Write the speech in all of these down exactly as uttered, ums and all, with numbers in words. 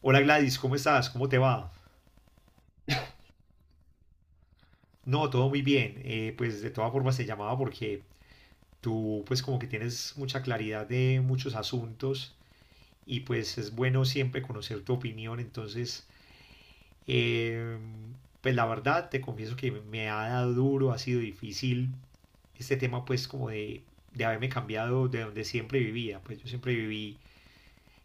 Hola Gladys, ¿cómo estás? ¿Cómo te va? No, todo muy bien. Eh, pues de todas formas te llamaba porque tú pues como que tienes mucha claridad de muchos asuntos y pues es bueno siempre conocer tu opinión. Entonces, eh, pues la verdad te confieso que me ha dado duro, ha sido difícil este tema pues como de, de haberme cambiado de donde siempre vivía. Pues yo siempre viví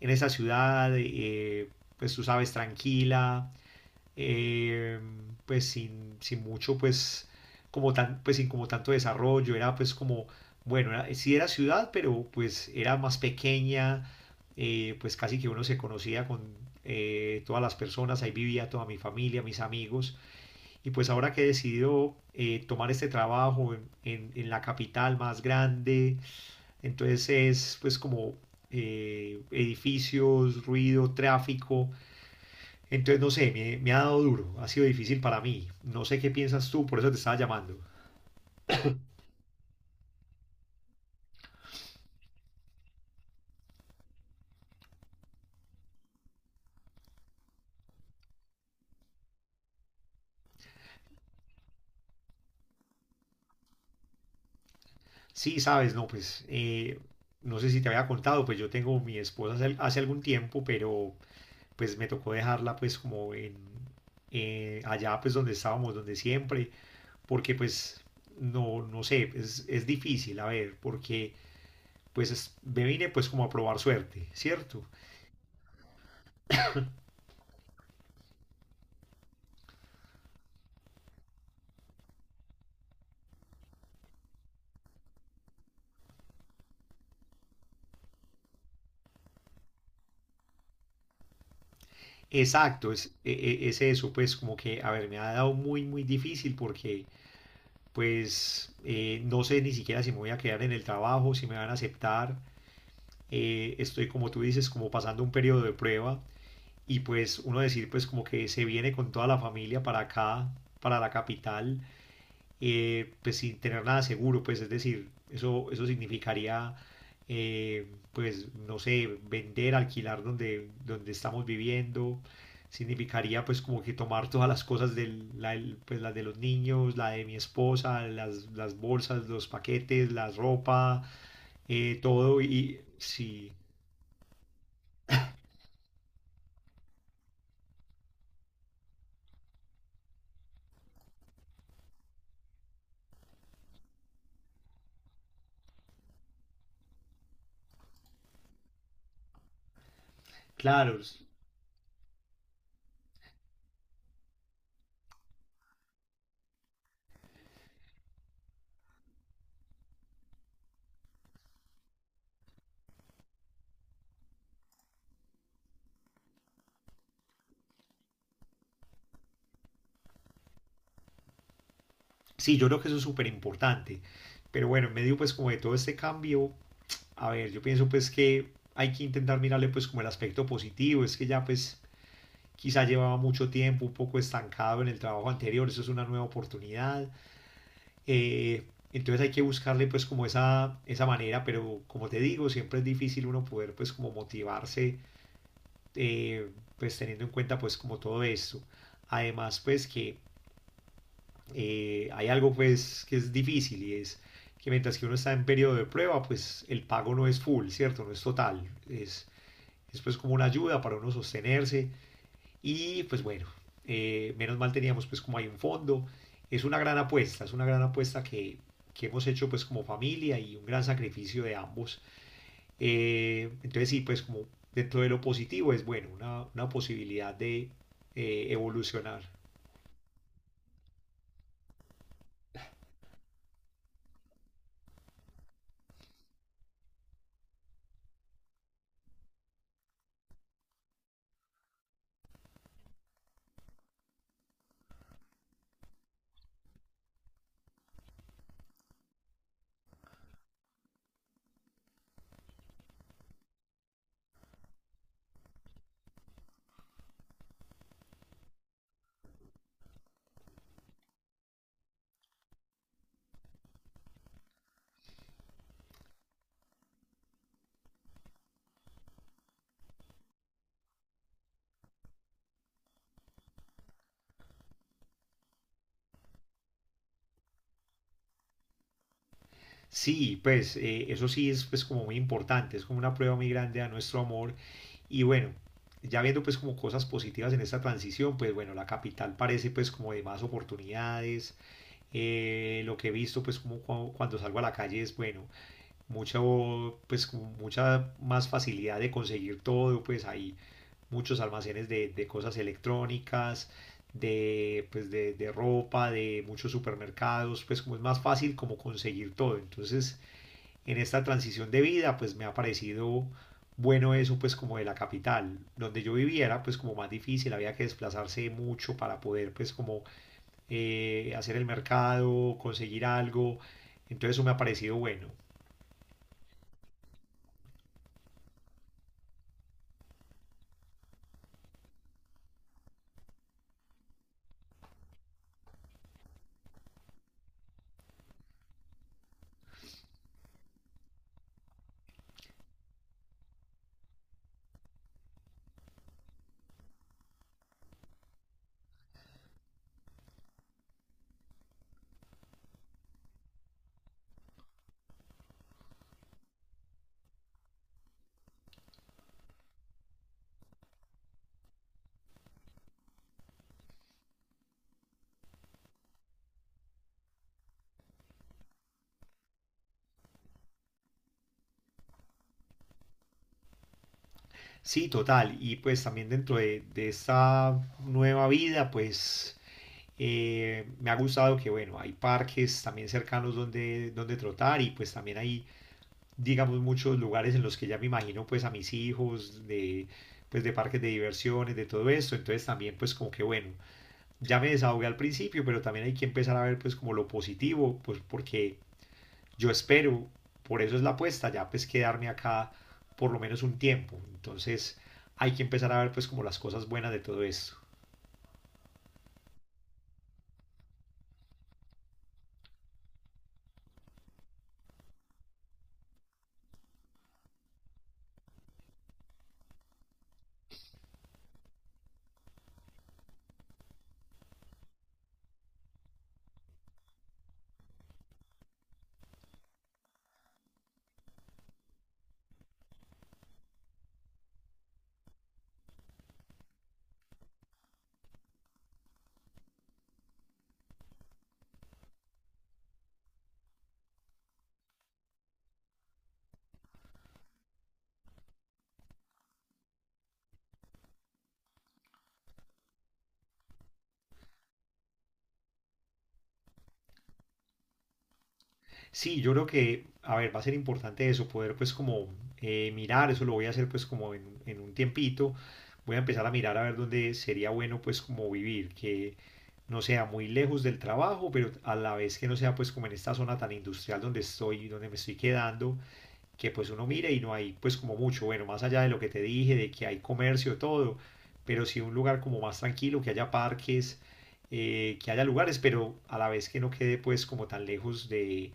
en esa ciudad, eh, pues tú sabes, tranquila eh, pues sin, sin mucho, pues como tan, pues sin como tanto desarrollo, era pues como, bueno, era- sí era ciudad, pero pues era más pequeña, eh, pues casi que uno se conocía con eh, todas las personas, ahí vivía toda mi familia, mis amigos, y pues ahora que he decidido eh, tomar este trabajo en, en- en la capital más grande, entonces es pues como eh, edificios, ruido, tráfico, entonces, no sé, me, me ha dado duro, ha sido difícil para mí. No sé qué piensas tú, por eso te estaba llamando. Sí, sabes, no, pues, eh, no sé si te había contado, pues yo tengo mi esposa hace, hace algún tiempo, pero pues me tocó dejarla pues como en, eh, allá pues donde estábamos, donde siempre, porque pues no, no sé, es, es difícil, a ver, porque pues es- me vine pues como a probar suerte, ¿cierto? Exacto, es, e- e- es eso, pues como que, a ver, me ha dado muy, muy difícil porque pues eh, no sé ni siquiera si me voy a quedar en el trabajo, si me van a aceptar. Eh, estoy como tú dices, como pasando un periodo de prueba y pues uno decir pues como que se viene con toda la familia para acá, para la capital eh, pues sin tener nada seguro, pues es decir, eso, eso significaría, eh, pues no sé, vender, alquilar donde, donde estamos viviendo, significaría pues como que tomar todas las cosas de la, pues, las de los niños, la de mi esposa, las, las bolsas, los paquetes, la ropa, eh, todo y sí, claro, sí, yo creo que eso es súper importante. Pero bueno, en medio pues como de todo este cambio, a ver, yo pienso pues que hay que intentar mirarle pues como el aspecto positivo, es que ya pues quizá llevaba mucho tiempo un poco estancado en el trabajo anterior, eso es una nueva oportunidad. Eh, entonces hay que buscarle pues como esa, esa manera, pero como te digo, siempre es difícil uno poder pues como motivarse eh, pues teniendo en cuenta pues como todo esto. Además pues que eh, hay algo pues que es difícil y es que mientras que uno está en periodo de prueba pues el pago no es full, ¿cierto? No es total, es es pues como una ayuda para uno sostenerse y pues bueno, eh, menos mal teníamos pues como hay un fondo, es una gran apuesta, es una gran apuesta que, que hemos hecho pues como familia y un gran sacrificio de ambos. Eh, entonces sí, pues como dentro de lo positivo es bueno, una, una posibilidad de eh, evolucionar. Sí, pues eh, eso sí es pues como muy importante, es como una prueba muy grande a nuestro amor. Y bueno, ya viendo pues como cosas positivas en esta transición, pues bueno, la capital parece pues como de más oportunidades. Eh, lo que he visto pues como cu- cuando salgo a la calle es bueno, mucha oh, pues como mucha más facilidad de conseguir todo, pues hay muchos almacenes de, de cosas electrónicas, de pues de, de ropa, de muchos supermercados, pues como es más fácil como conseguir todo. Entonces en esta transición de vida, pues me ha parecido bueno eso, pues como de la capital, donde yo viviera, pues como más difícil, había que desplazarse mucho para poder, pues como eh, hacer el mercado, conseguir algo, entonces eso me ha parecido bueno. Sí, total, y pues también dentro de, de esta nueva vida, pues eh, me ha gustado que, bueno, hay parques también cercanos donde, donde trotar y pues también hay digamos, muchos lugares en los que ya me imagino pues a mis hijos, de, pues de parques de diversiones, de todo esto. Entonces también pues como que bueno, ya me desahogué al principio, pero también hay que empezar a ver pues como lo positivo, pues porque yo espero, por eso es la apuesta, ya pues quedarme acá por lo menos un tiempo. Entonces hay que empezar a ver pues como las cosas buenas de todo esto. Sí, yo creo que, a ver, va a ser importante eso, poder pues como eh, mirar, eso lo voy a hacer pues como en, en un tiempito, voy a empezar a mirar a ver dónde sería bueno pues como vivir, que no sea muy lejos del trabajo, pero a la vez que no sea pues como en esta zona tan industrial donde estoy, donde me estoy quedando, que pues uno mire y no hay pues como mucho, bueno, más allá de lo que te dije, de que hay comercio, todo, pero sí un lugar como más tranquilo, que haya parques, eh, que haya lugares, pero a la vez que no quede pues como tan lejos de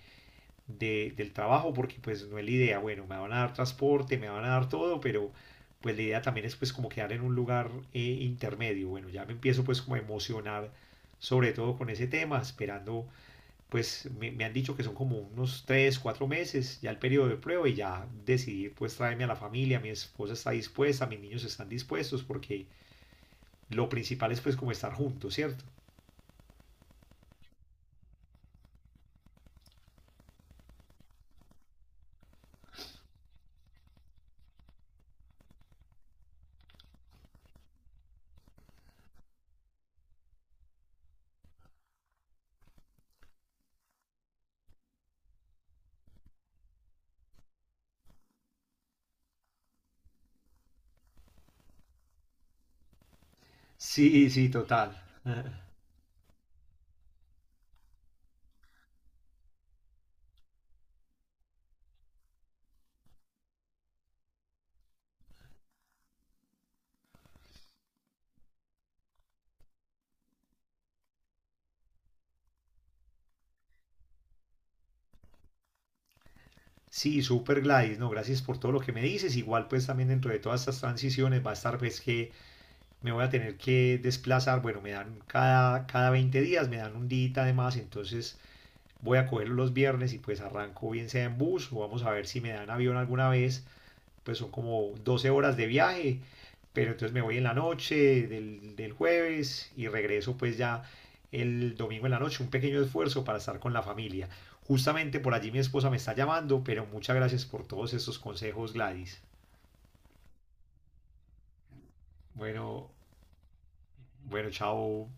de- del trabajo porque pues no es la idea, bueno, me van a dar transporte, me van a dar todo, pero pues la idea también es pues como quedar en un lugar eh, intermedio, bueno, ya me empiezo pues como a emocionar sobre todo con ese tema, esperando pues me, me han dicho que son como unos tres cuatro meses ya el periodo de prueba y ya decidir pues traerme a la familia, mi esposa está dispuesta, mis niños están dispuestos porque lo principal es pues como estar juntos, ¿cierto? Sí, sí, total. Sí, super Gladys, no, gracias por todo lo que me dices. Igual pues también dentro de todas estas transiciones va a estar pues que me voy a tener que desplazar, bueno, me dan cada, cada veinte días, me dan un día además, entonces voy a cogerlo los viernes y pues arranco bien sea en bus o vamos a ver si me dan avión alguna vez pues son como doce horas de viaje, pero entonces me voy en la noche del, del jueves y regreso pues ya el domingo en la noche, un pequeño esfuerzo para estar con la familia. Justamente por allí mi esposa me está llamando, pero muchas gracias por todos estos consejos, Gladys. Bueno, bueno, chao.